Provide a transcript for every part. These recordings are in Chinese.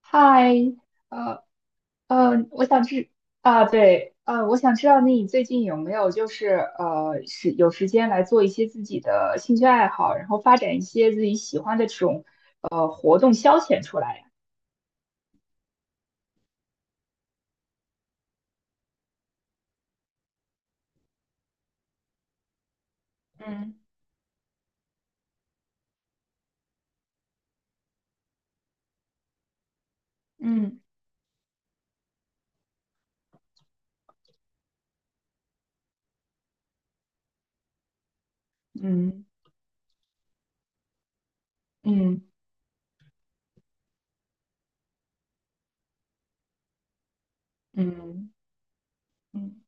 嗨，呃我想知啊，对，我想知道你最近有没有就是是有时间来做一些自己的兴趣爱好，然后发展一些自己喜欢的这种活动消遣出来呀？嗯嗯嗯嗯嗯嗯嗯，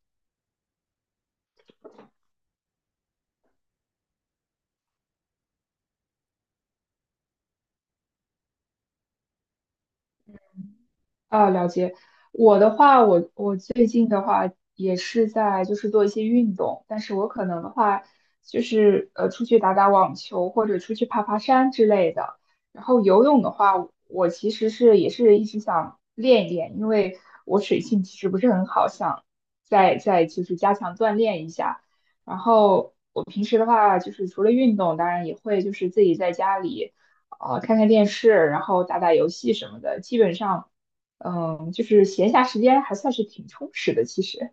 啊，了解。我的话，我最近的话也是在就是做一些运动，但是我可能的话就是出去打打网球或者出去爬爬山之类的。然后游泳的话，我其实是也是一直想练一练，因为我水性其实不是很好，想再就是加强锻炼一下。然后我平时的话就是除了运动，当然也会就是自己在家里。看看电视，然后打打游戏什么的，基本上就是闲暇时间还算是挺充实的。其实。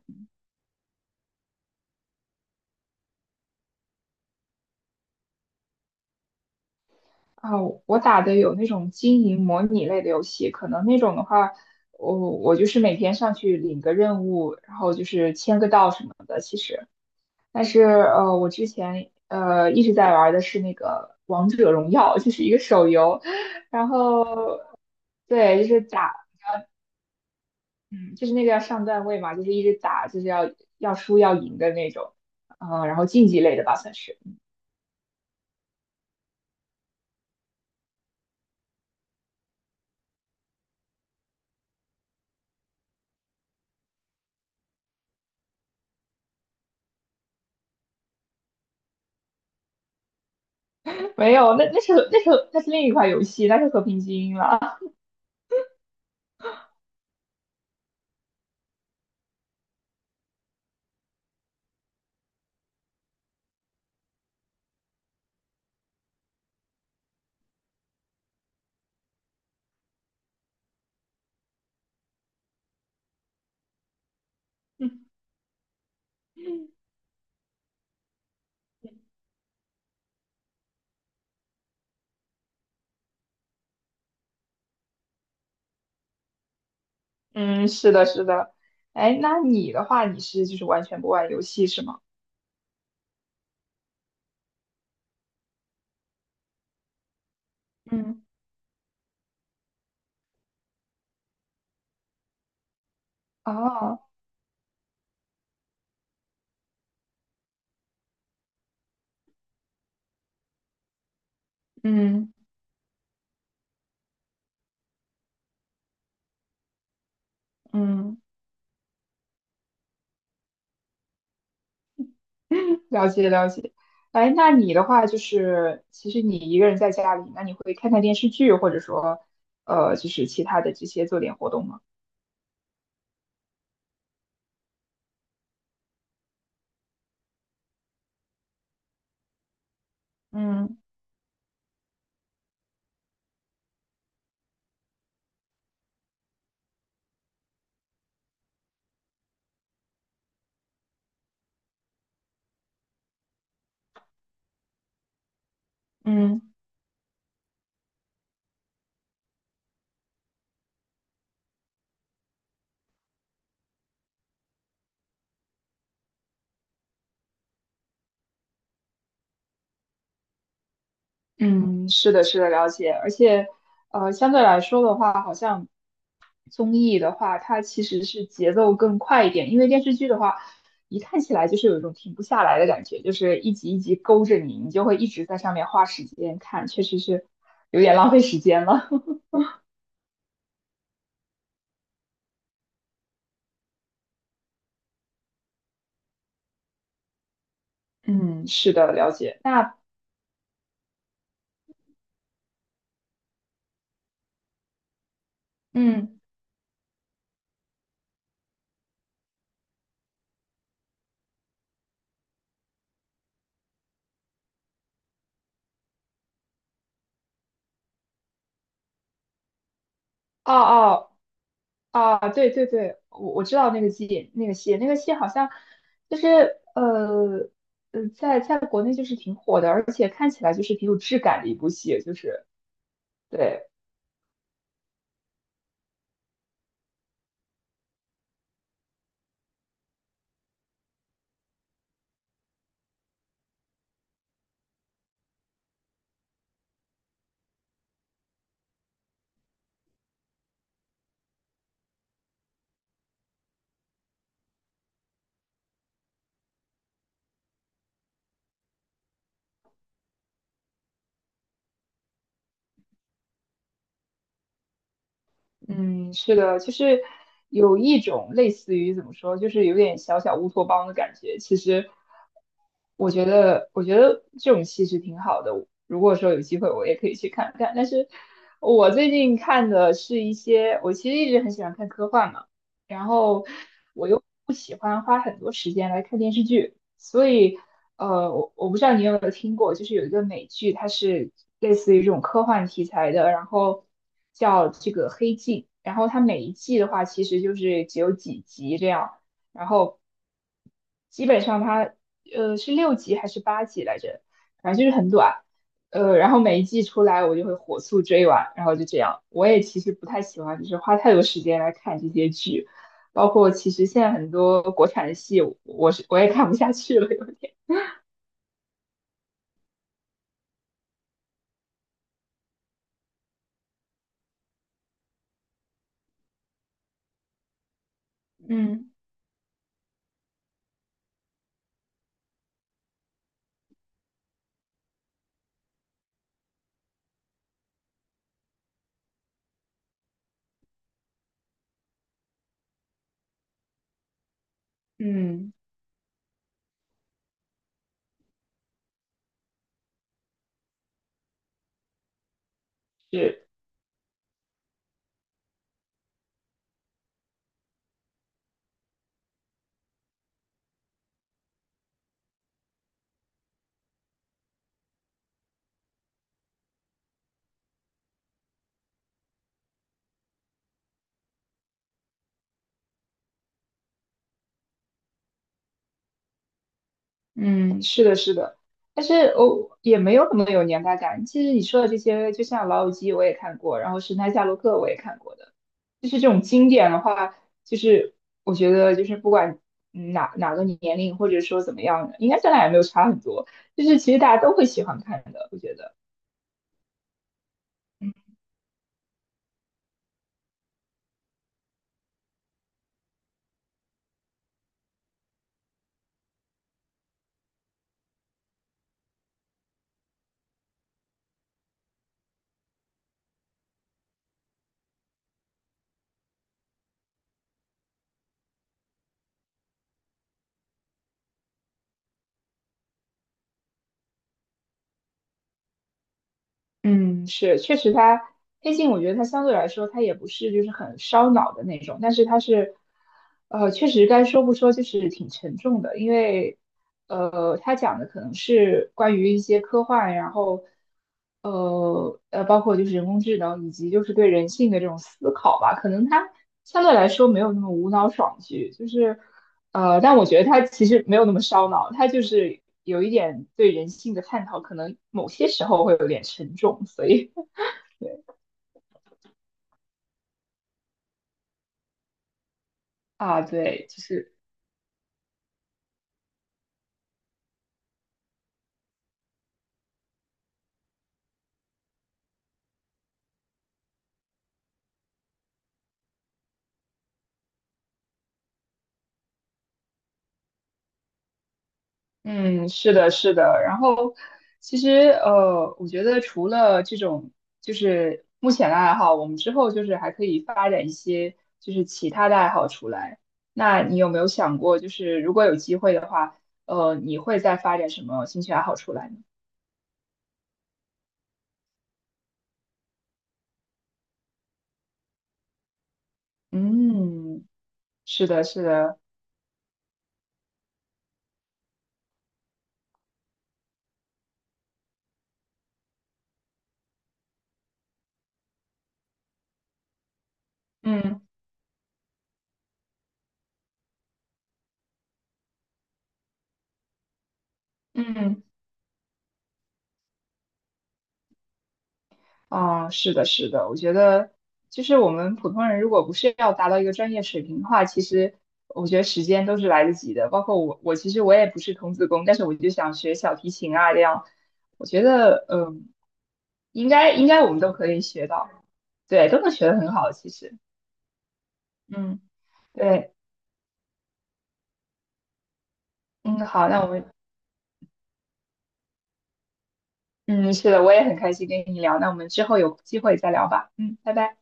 啊，我打的有那种经营模拟类的游戏，可能那种的话，我就是每天上去领个任务，然后就是签个到什么的。其实，但是我之前一直在玩的是那个《王者荣耀》，就是一个手游，然后对，就是打，嗯，就是那个要上段位嘛，就是一直打，就是要输要赢的那种，嗯，然后竞技类的吧，算是。没有，那是另一款游戏，那是和平精英了。嗯，是的，是的。哎，那你的话，你是就是完全不玩游戏是吗？嗯，哦，嗯嗯，了解了解。哎，那你的话就是，其实你一个人在家里，那你会看看电视剧，或者说，就是其他的这些做点活动吗？嗯嗯，嗯，是的，是的，了解。而且，相对来说的话，好像。综艺的话，它其实是节奏更快一点，因为电视剧的话，一看起来就是有一种停不下来的感觉，就是一集一集勾着你，你就会一直在上面花时间看，确实是有点浪费时间了。嗯，是的，了解。那，嗯，哦哦，哦，对对对，我知道那个戏，那个戏，那个戏好像就是呃在国内就是挺火的，而且看起来就是挺有质感的一部戏，就是对。嗯，是的，就是有一种类似于怎么说，就是有点小小乌托邦的感觉。其实，我觉得，我觉得这种戏是挺好的。如果说有机会，我也可以去看看。但是我最近看的是一些，我其实一直很喜欢看科幻嘛，然后我又不喜欢花很多时间来看电视剧，所以我不知道你有没有听过，就是有一个美剧，它是类似于这种科幻题材的，然后叫这个《黑镜》，然后它每一季的话其实就是只有几集这样，然后基本上它是六集还是八集来着，反正就是很短。然后每一季出来，我就会火速追完，然后就这样。我也其实不太喜欢，就是花太多时间来看这些剧。包括其实现在很多国产的戏，我也看不下去了，有点。嗯嗯，是，嗯，是的，是的。但是我，也没有那么有年代感。其实你说的这些，就像《老友记》我也看过，然后《神探夏洛克》我也看过的，就是这种经典的话，就是我觉得就是不管哪个年龄或者说怎么样的，应该咱俩也没有差很多，就是其实大家都会喜欢看的，我觉得。嗯。嗯，是，确实黑镜，我觉得它相对来说，它也不是就是很烧脑的那种，但是它是，确实该说不说，就是挺沉重的，因为，它讲的可能是关于一些科幻，然后，包括就是人工智能以及就是对人性的这种思考吧，可能它相对来说没有那么无脑爽剧，就是。但我觉得他其实没有那么烧脑，他就是有一点对人性的探讨，可能某些时候会有点沉重，所以 啊，对，就是嗯，是的，是的。然后其实我觉得除了这种就是目前的爱好，我们之后就是还可以发展一些就是其他的爱好出来。那你有没有想过，就是如果有机会的话，你会再发展什么兴趣爱好出来呢？嗯，是的，是的，嗯嗯。啊，是的，是的，我觉得就是我们普通人如果不是要达到一个专业水平的话，其实我觉得时间都是来得及的。包括我，我其实我也不是童子功，但是我就想学小提琴啊，这样我觉得应该我们都可以学到，对，都能学得很好。其实，嗯，对，嗯，好，那我们嗯，是的，我也很开心跟你聊，那我们之后有机会再聊吧，嗯，拜拜。